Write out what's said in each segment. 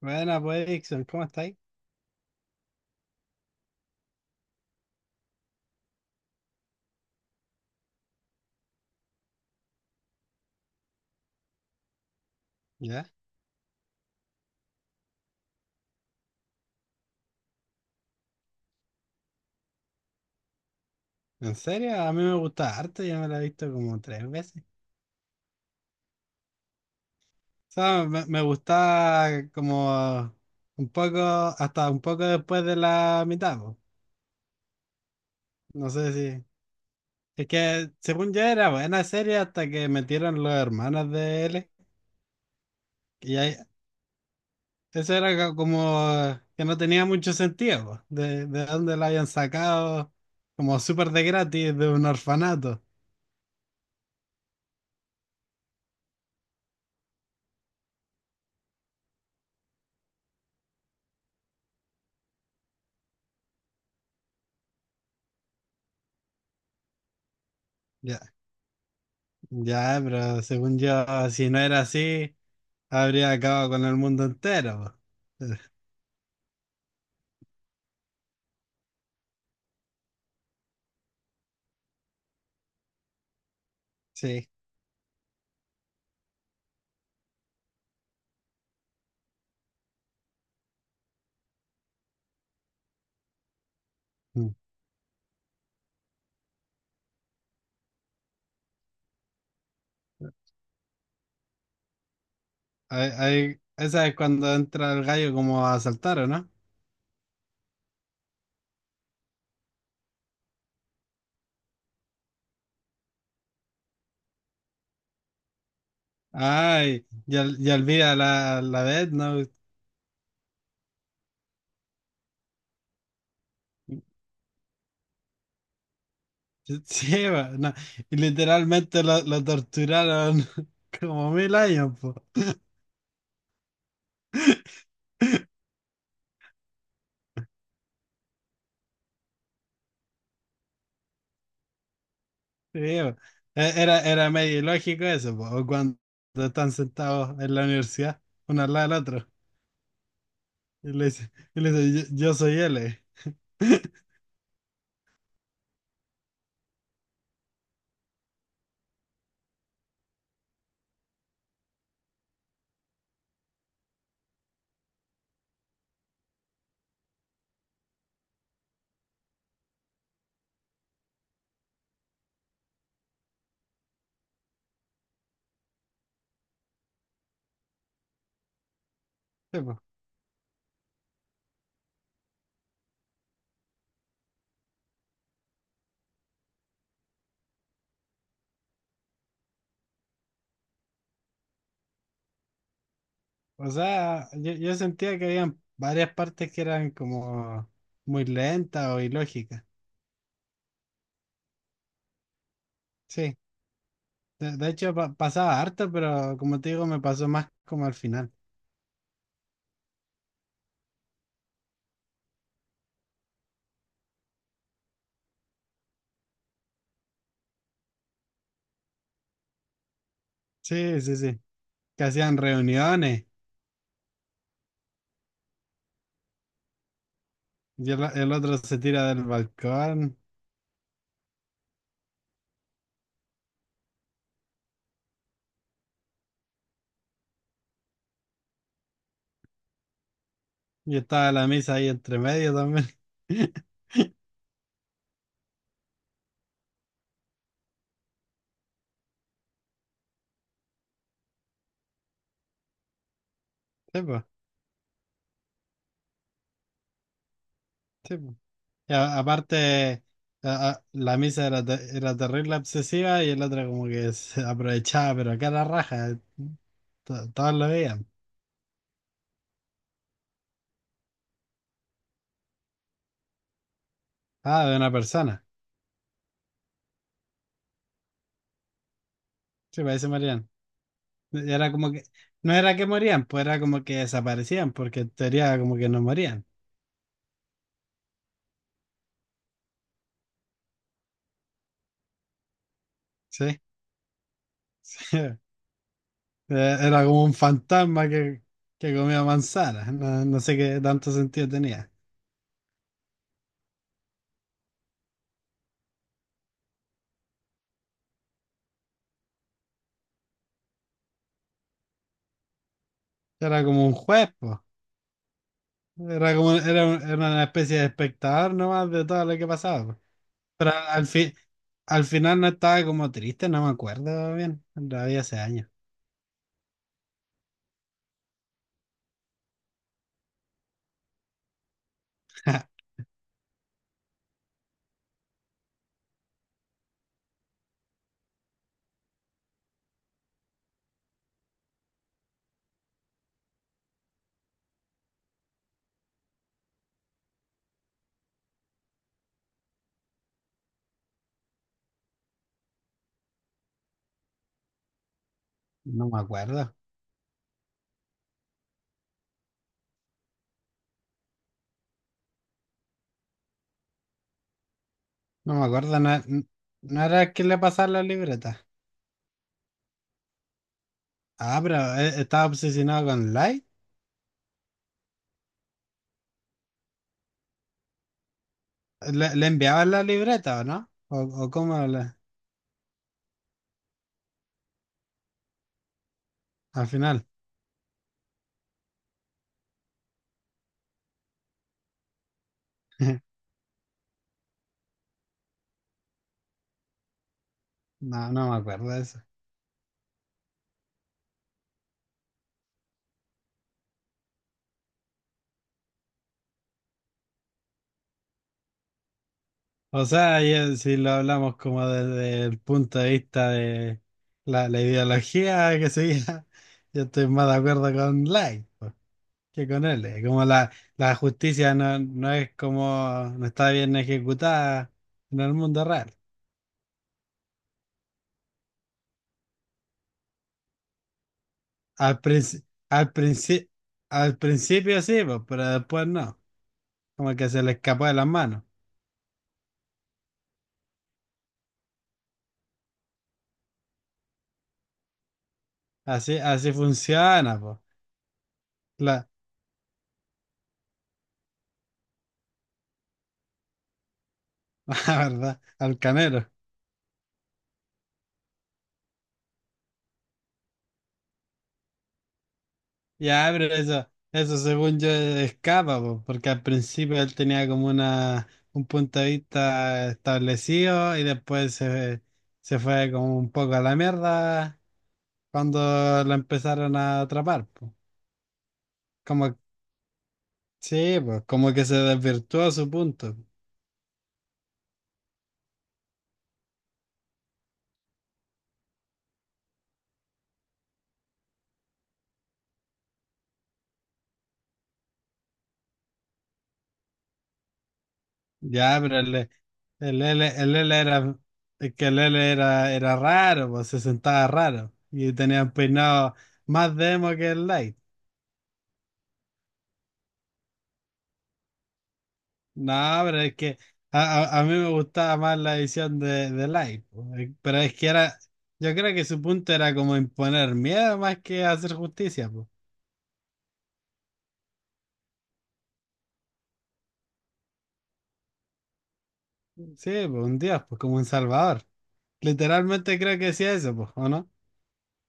Buena, pues, Dixon, ¿cómo estáis? ¿Ya? ¿En serio? A mí me gusta harto, yo me la he visto como tres veces. O sea, me gusta como un poco, hasta un poco después de la mitad, po. No sé si... Es que, según yo, era buena serie hasta que metieron los hermanos de él. Y ahí, eso era como que no tenía mucho sentido, po. De dónde lo habían sacado, como súper de gratis, de un orfanato. Ya, ya, pero según yo, si no era así... Habría acabado con el mundo entero, po. Sí. Mm. Esa es cuando entra el gallo como a asaltar, ¿o no? Ay, ya, ya olvida la vez, ¿no? Sí, va, no. Y literalmente lo torturaron como mil años, po. Sí, va. Era, era medio ilógico eso, po. O cuando están sentados en la universidad, uno al lado del otro, y le dice, yo soy L. O sea, yo sentía que habían varias partes que eran como muy lentas o ilógicas. Sí, de hecho pasaba harto, pero como te digo, me pasó más como al final. Sí, sí, sí. Que hacían reuniones y el otro se tira del balcón y estaba la misa ahí entre medio también. Sí, pues, sí, po. Y aparte, la misa era, era terrible obsesiva y el otro como que se aprovechaba, pero acá la raja, todos lo veían. Ah, de una persona. Sí, parece morían. Era como que, no era que morían, pues era como que desaparecían, porque en teoría como que no morían. Sí. Sí. Era como un fantasma que comía manzanas. No, no sé qué tanto sentido tenía. Era como un juez, pues. Era como, era, era una especie de espectador nomás de todo lo que pasaba, po. Pero al fin, Al final no estaba como triste, no me acuerdo bien. Lo vi hace años. No me acuerdo. No me acuerdo, no, no era que le pasaba la libreta. Ah, pero estaba obsesionado con Light. ¿Le, le enviaban la libreta o no? O cómo le- al final? No, no me acuerdo de eso. O sea, y, si lo hablamos como desde el punto de vista de la ideología que seguía, yo estoy más de acuerdo con Light, pues, que con él. Eh, como la justicia no, no es como, no está bien ejecutada en el mundo real. Al, princi- al, princi- al principio sí, pues, pero después no. Como que se le escapó de las manos. Así, así funciona, pues. La, la verdad, al canero. Ya, pero eso según yo escapa, pues, porque al principio él tenía como una, un punto de vista establecido y después se fue como un poco a la mierda cuando lo empezaron a atrapar, pues. Como, sí, pues, como que se desvirtuó su punto. Ya, pero el L era, es que el L era, era raro, pues se sentaba raro y tenía un peinado más demo que el Light. No, pero es que a mí me gustaba más la edición de Light, pues. Eh, pero es que era, yo creo que su punto era como imponer miedo más que hacer justicia, pues. Sí, pues un dios, pues como un salvador. Literalmente creo que decía eso, pues, ¿o no?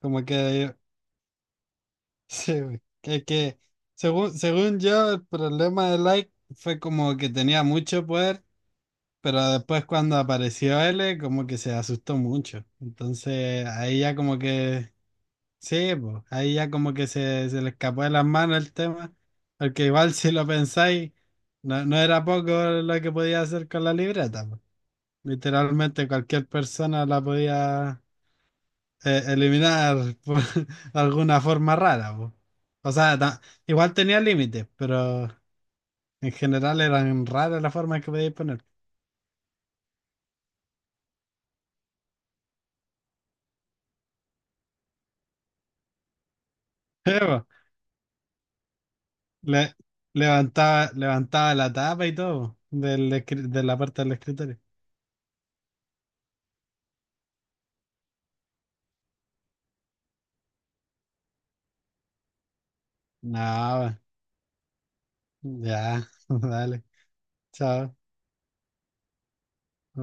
Como que sí, güey, que según, según yo, el problema de Like fue como que tenía mucho poder, pero después cuando apareció L, como que se asustó mucho. Entonces ahí ya como que, sí, pues, ahí ya como que se le escapó de las manos el tema, porque igual si lo pensáis, no, no era poco lo que podía hacer con la libreta, pues. Literalmente cualquier persona la podía, eliminar por alguna forma rara, po. O sea, ta- igual tenía límites, pero en general eran raras las formas que podíais poner. Sí, po. Le- Levantaba, levantaba la tapa y todo del de la parte del escritorio. No, ya, dale, chao.